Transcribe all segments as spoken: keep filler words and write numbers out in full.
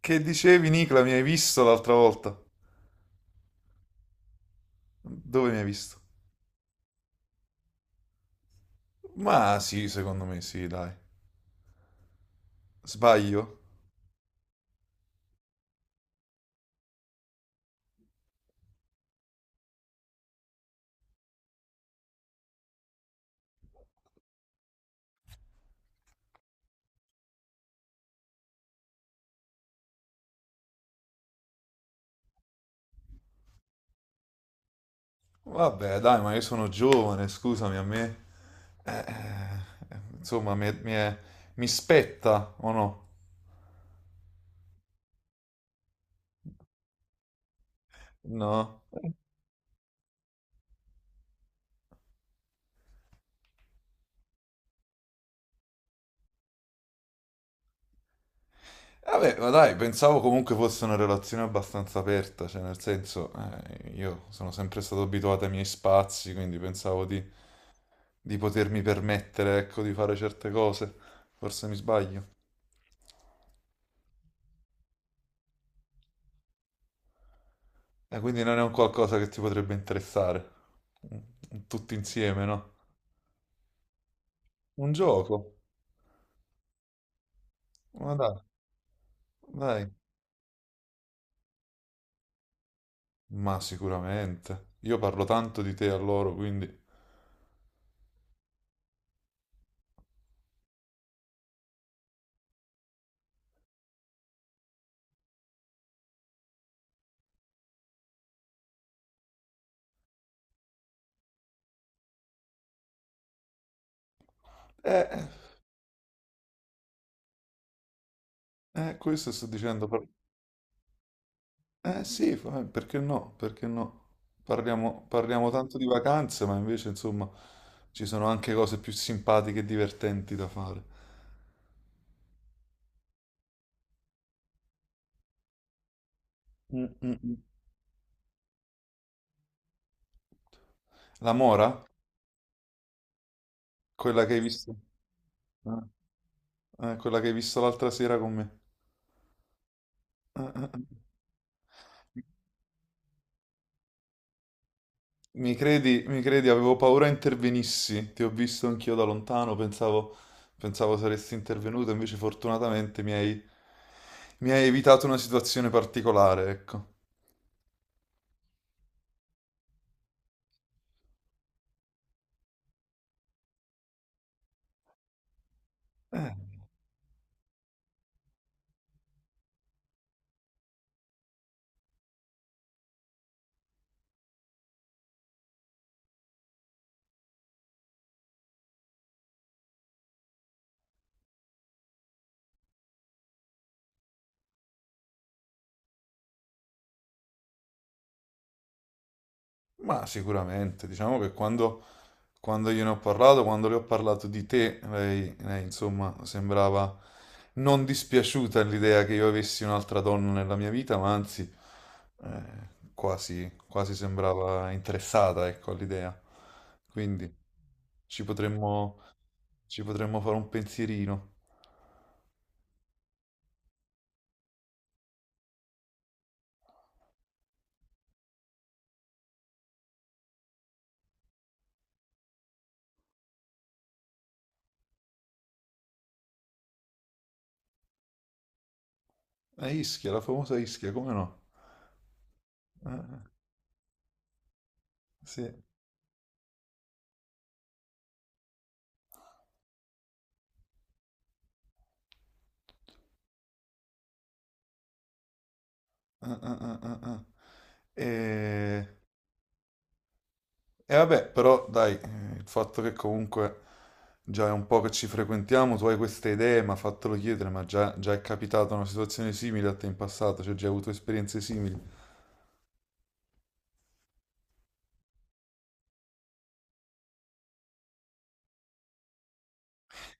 Che dicevi, Nicola, mi hai visto l'altra volta? Dove mi hai visto? Ma sì, secondo me sì, dai. Sbaglio? Vabbè, dai, ma io sono giovane, scusami, a me, eh, eh, insomma, mi, mi è- mi spetta, o no? No? Vabbè, ma dai, pensavo comunque fosse una relazione abbastanza aperta, cioè nel senso, eh, io sono sempre stato abituato ai miei spazi, quindi pensavo di, di potermi permettere, ecco, di fare certe cose. Forse mi sbaglio. Eh, quindi non è un qualcosa che ti potrebbe interessare. Mm, Tutti insieme, no? Un gioco. Ma dai, dai. Ma sicuramente. Io parlo tanto di te a loro, quindi. Eh, eh, Questo sto dicendo. par- Eh sì, fa- eh, perché no? Perché no? Parliamo, parliamo tanto di vacanze, ma invece, insomma, ci sono anche cose più simpatiche e divertenti da fare. Mm, mm, mm. La Mora? Quella che hai visto? Eh, eh, Quella che hai visto l'altra sera con me. Eh, eh, eh. Mi credi, mi credi, avevo paura intervenissi, ti ho visto anch'io da lontano, pensavo, pensavo saresti intervenuto, invece fortunatamente mi hai, mi hai evitato una situazione particolare, ecco. Eh, ma sicuramente, diciamo che quando, quando io ne ho parlato, quando le ho parlato di te, lei, lei, insomma sembrava non dispiaciuta l'idea che io avessi un'altra donna nella mia vita, ma anzi eh, quasi, quasi sembrava interessata, ecco, all'idea. Quindi ci potremmo, Ci potremmo fare un pensierino. A Ischia, la famosa Ischia, come no? Ah, sì. Ah, ah, ah, ah, ah. E... e vabbè, però dai, eh, il fatto che comunque già è un po' che ci frequentiamo, tu hai queste idee, ma fatelo chiedere, ma già, già è capitata una situazione simile a te in passato, cioè già hai avuto esperienze simili.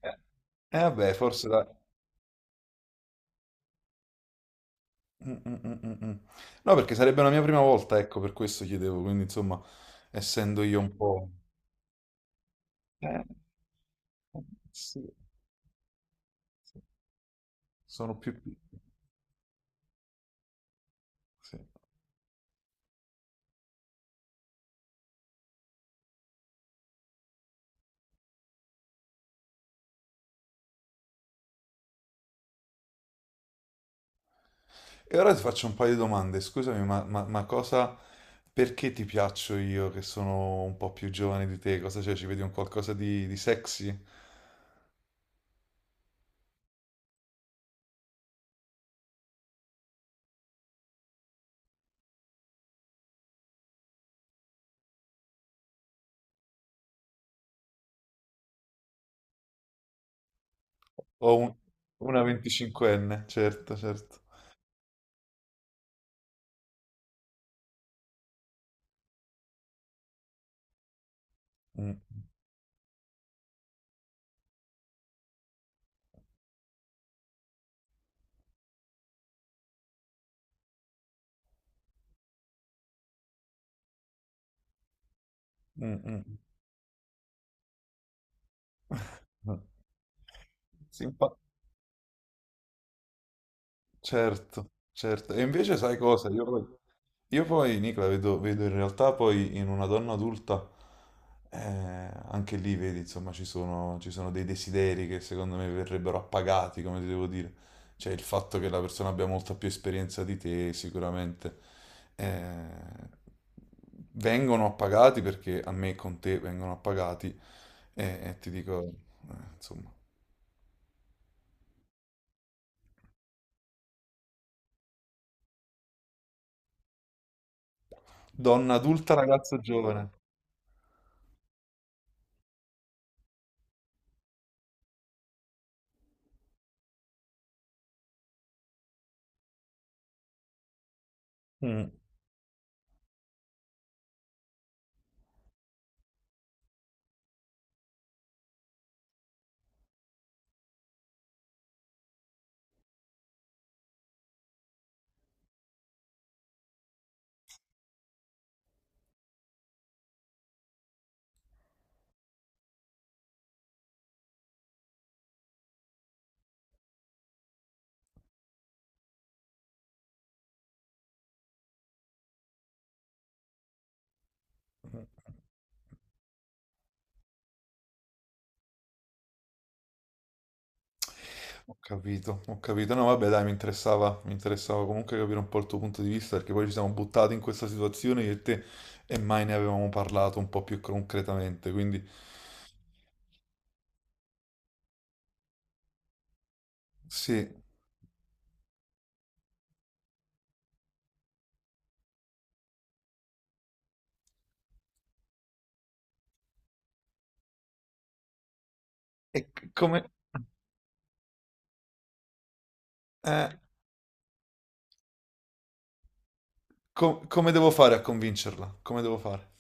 Eh, eh, Vabbè, forse dai. Mm, mm, mm, mm, mm. No, perché sarebbe la mia prima volta, ecco, per questo chiedevo, quindi insomma, essendo io un po'. Eh, sì. Sono più piccoli. Sì. E ora ti faccio un paio di domande. Scusami, ma, ma- ma cosa, perché ti piaccio io che sono un po' più giovane di te? Cosa c'è? Ci vedi un qualcosa di, di sexy? O un- una venticinquenne? Certo, certo. Mm, mm, mm. Mm. Simpa- certo, certo. E invece sai cosa? Io, Io poi, Nicola, vedo, vedo in realtà poi in una donna adulta, eh, anche lì vedi, insomma, ci sono, ci sono dei desideri che secondo me verrebbero appagati, come ti devo dire. Cioè il fatto che la persona abbia molta più esperienza di te, sicuramente, eh, vengono appagati perché a me con te vengono appagati e, e ti dico, eh, insomma, donna adulta, ragazzo giovane. Mm. Ho capito, ho capito. No, vabbè, dai, mi interessava, mi interessava comunque capire un po' il tuo punto di vista, perché poi ci siamo buttati in questa situazione io e te e mai ne avevamo parlato un po' più concretamente. Quindi, sì, e c- come, eh, co- come devo fare a convincerla? Come devo fare?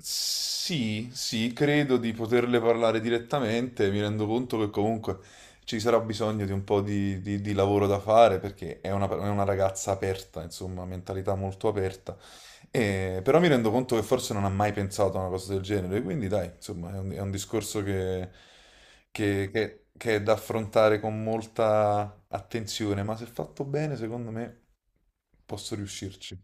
Sì, sì, credo di poterle parlare direttamente, mi rendo conto che comunque ci sarà bisogno di un po' di, di- di lavoro da fare, perché è una è una ragazza aperta, insomma, mentalità molto aperta. E- però mi rendo conto che forse non ha mai pensato a una cosa del genere, quindi dai, insomma, è un, è un discorso che, che- che- che è da affrontare con molta attenzione, ma se fatto bene, secondo me posso riuscirci.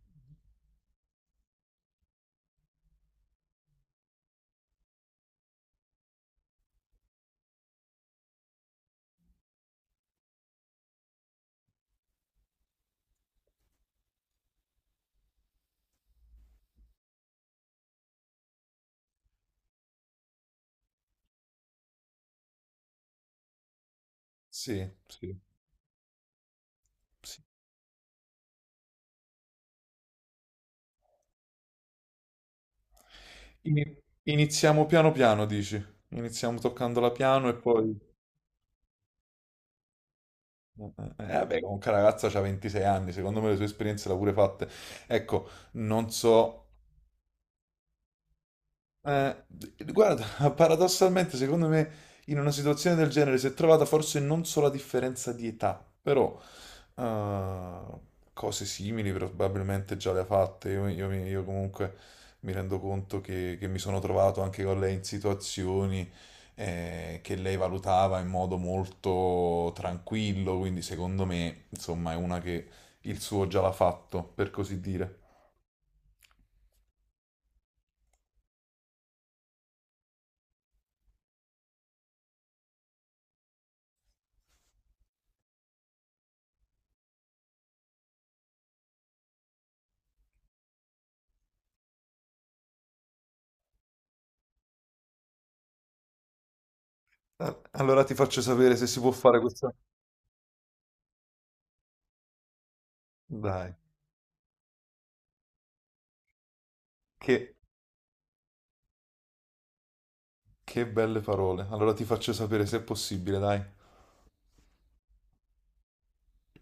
Sì, sì, sì. Ini- Iniziamo piano piano, dici? Iniziamo toccando la piano e poi. Eh, eh, Vabbè, comunque la ragazza ha ventisei anni, secondo me le sue esperienze l'ha pure fatte. Ecco, non so. Eh, guarda, paradossalmente, secondo me, in una situazione del genere si è trovata forse non solo la differenza di età, però eh, cose simili probabilmente già le ha fatte. Io, io- mi- io comunque mi rendo conto che, che mi sono trovato anche con lei in situazioni eh, che lei valutava in modo molto tranquillo, quindi secondo me, insomma, è una che il suo già l'ha fatto, per così dire. Ah, allora ti faccio sapere se si può fare questa. Dai. Che, che belle parole. Allora ti faccio sapere se è possibile, dai.